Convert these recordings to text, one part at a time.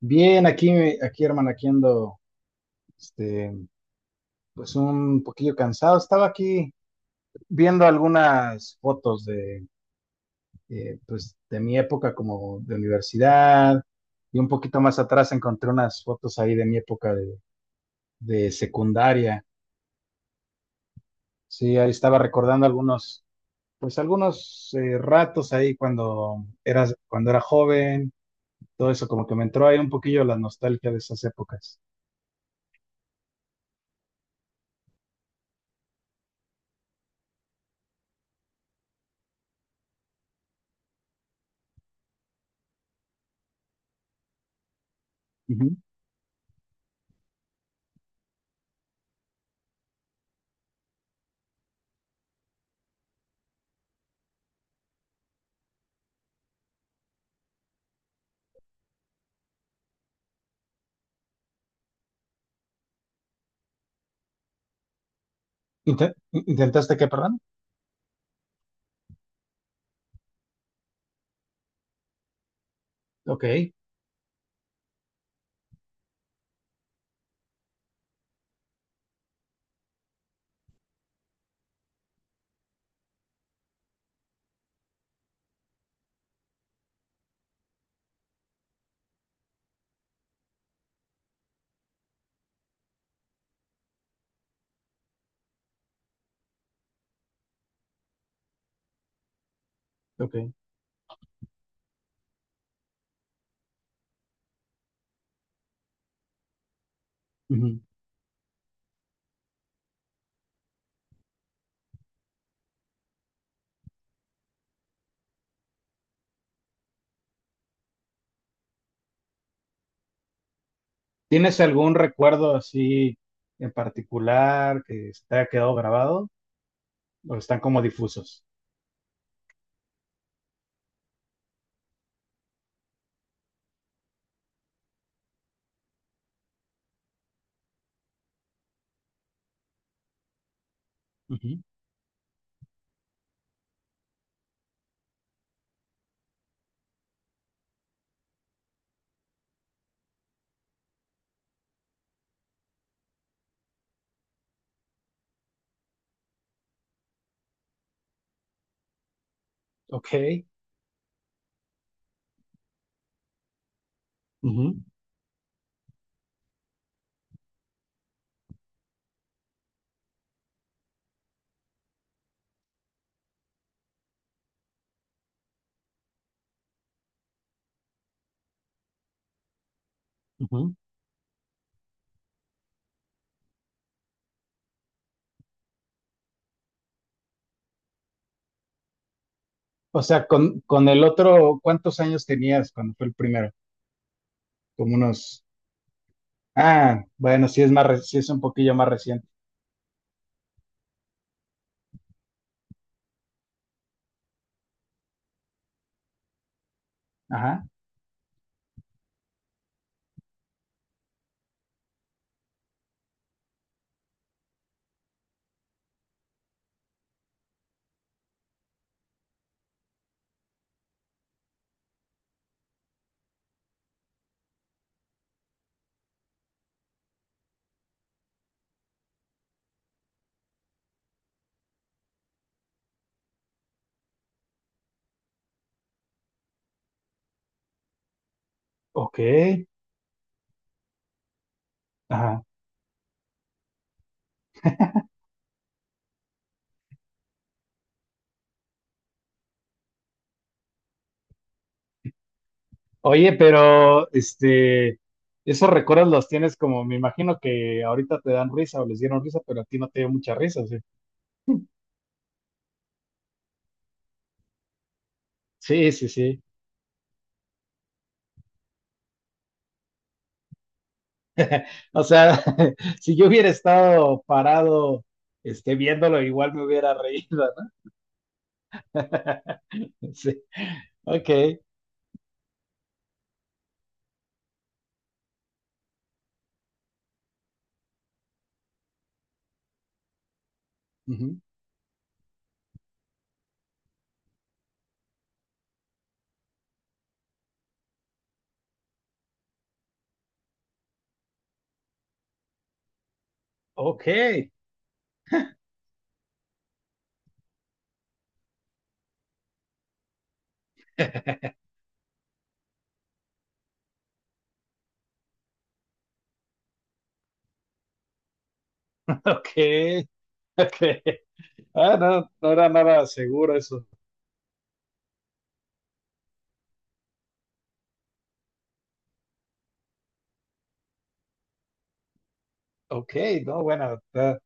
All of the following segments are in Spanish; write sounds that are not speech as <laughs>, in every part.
Bien, aquí, aquí, hermano, aquí ando, este, pues un poquillo cansado. Estaba aquí viendo algunas fotos pues, de mi época como de universidad y un poquito más atrás encontré unas fotos ahí de mi época de secundaria. Sí, ahí estaba recordando, pues, algunos ratos ahí cuando era joven. Todo eso como que me entró ahí un poquillo la nostalgia de esas épocas. Ujú. ¿Intentaste qué, perdón? Ok, ok. Ujú. ¿Tienes algún recuerdo así en particular que se te haya quedado grabado o están como difusos? Ujú. Ok. Ujú, ujú. O sea, con el otro, ¿cuántos años tenías cuando fue el primero? Como unos. Ah, bueno, sí es más, sí es un poquillo más reciente. Ajá. Ok. Ajá. Oye, pero esos recuerdos los tienes como, me imagino que ahorita te dan risa o les dieron risa, pero a ti no te dio mucha risa, ¿sí? Sí, sí, sí. O sea, <laughs> si yo hubiera estado parado viéndolo, igual me hubiera reído, ¿no? <laughs> Sí. Ok. Ujú. Ok. <laughs> Ok. Ok. Ah, no, no era nada seguro eso. Ok, no, bueno, está,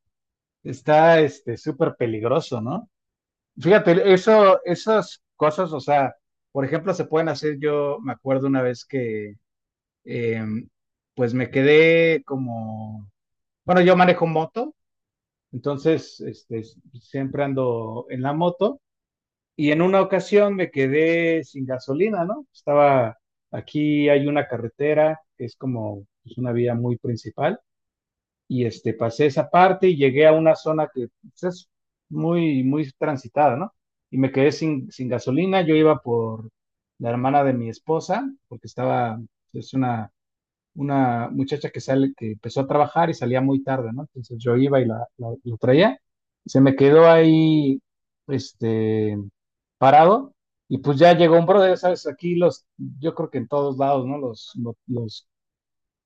está súper peligroso, ¿no? Fíjate, eso, esas cosas, o sea, por ejemplo, se pueden hacer. Yo me acuerdo una vez que, em, pues me quedé como, bueno, yo manejo moto. Entonces, siempre ando en la moto y en una ocasión me quedé sin gasolina, ¿no? Estaba aquí, hay una carretera que es como, pues, una vía muy principal, y pasé esa parte y llegué a una zona que, pues, es muy, muy transitada, ¿no? Y me quedé sin gasolina. Yo iba por la hermana de mi esposa, porque estaba, es una muchacha que sale, que empezó a trabajar y salía muy tarde, ¿no? Entonces yo iba y lo traía, se me quedó ahí, este, parado, y pues ya llegó un brother, ¿sabes? Aquí yo creo que en todos lados, ¿no?, Los, lo-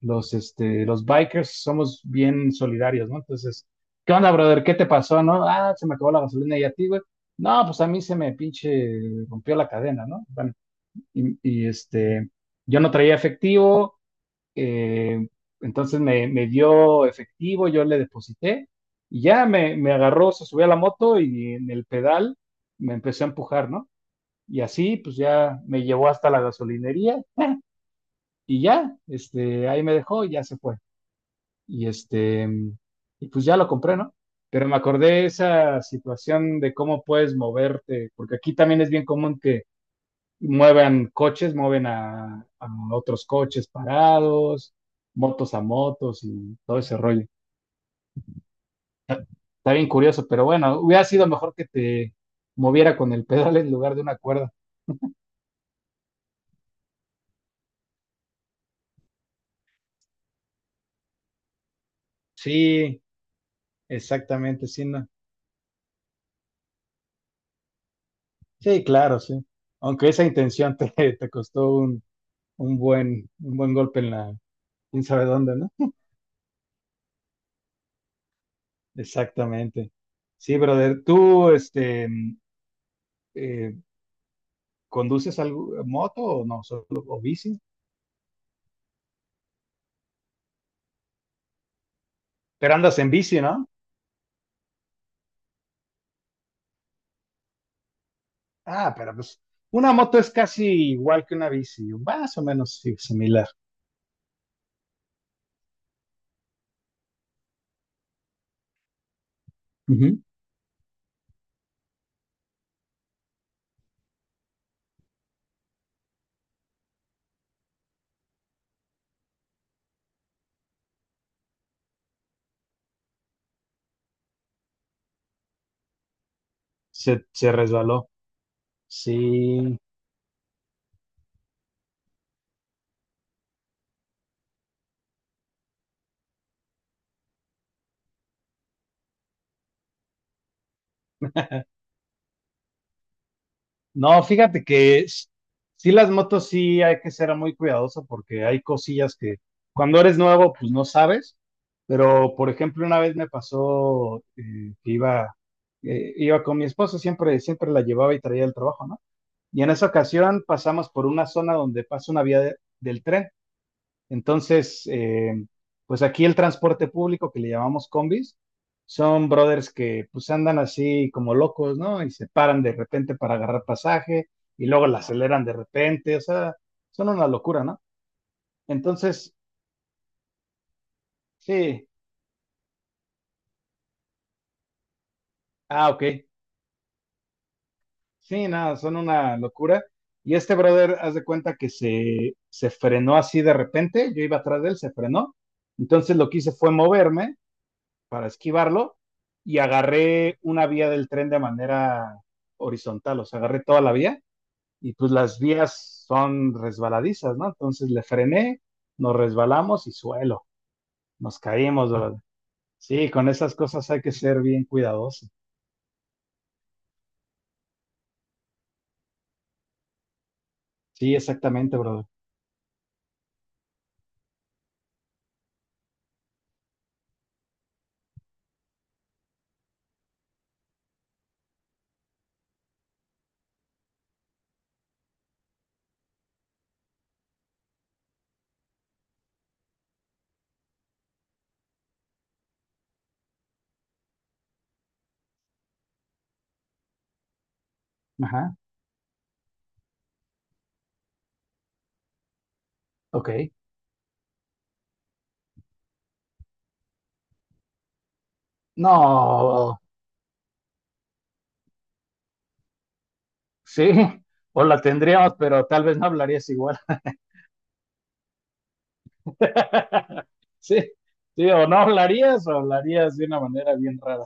los, este, los bikers somos bien solidarios, ¿no? Entonces, ¿qué onda, brother? ¿Qué te pasó, no? Ah, se me acabó la gasolina. ¿Y a ti, güey? No, pues a mí se me pinche rompió la cadena, ¿no? Bueno, y yo no traía efectivo, eh, entonces me dio efectivo, yo le deposité, y ya me agarró, se subió a la moto y en el pedal me empezó a empujar, ¿no? Y así pues ya me llevó hasta la gasolinería, y ya, ahí me dejó y ya se fue. Y y pues ya lo compré, ¿no? Pero me acordé esa situación de cómo puedes moverte, porque aquí también es bien común que muevan coches, mueven a otros coches parados, motos a motos y todo ese rollo. Está bien curioso, pero bueno, hubiera sido mejor que te moviera con el pedal en lugar de una cuerda. Sí, exactamente, sí, no. Sí, claro, sí. Aunque esa intención te, <laughs> te costó un buen golpe en la, quién sabe dónde, ¿no? Exactamente. Sí, brother, ¿tú eh, conduces algo, moto o no? ¿O bici? Pero andas en bici, ¿no? Ah, pero pues una moto es casi igual que una bici, más o menos sí, similar. Ujú. Se resbaló. Sí. No, fíjate que sí, las motos sí hay que ser muy cuidadoso, porque hay cosillas que cuando eres nuevo pues no sabes. Pero por ejemplo una vez me pasó, que iba con mi esposa, siempre siempre la llevaba y traía el trabajo, ¿no? Y en esa ocasión pasamos por una zona donde pasa una vía del tren. Entonces, pues aquí el transporte público, que le llamamos combis, son brothers que pues andan así como locos, ¿no? Y se paran de repente para agarrar pasaje y luego la aceleran de repente, o sea, son una locura, ¿no? Entonces, sí, ah, ok, sí, nada, son una locura. Y este brother, haz de cuenta que se frenó así de repente, yo iba atrás de él, se frenó. Entonces lo que hice fue moverme para esquivarlo, y agarré una vía del tren de manera horizontal, o sea, agarré toda la vía, y pues las vías son resbaladizas, ¿no? Entonces le frené, nos resbalamos y suelo, nos caímos, brother. Sí, con esas cosas hay que ser bien cuidadoso. Sí, exactamente, brother. Ajá, ok. No, sí, o la tendríamos, pero tal vez no hablarías igual. <laughs> Sí, sí, o no hablarías o hablarías de una manera bien rara.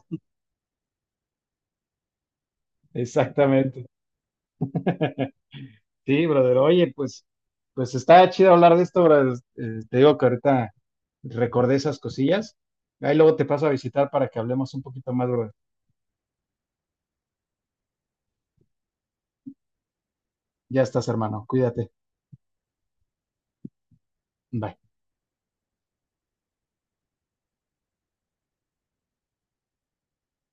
Exactamente. Sí, brother. Oye, pues, está chido hablar de esto, brother. Te digo que ahorita recordé esas cosillas. Ahí luego te paso a visitar para que hablemos un poquito más, brother. Ya estás, hermano. Cuídate. Bye.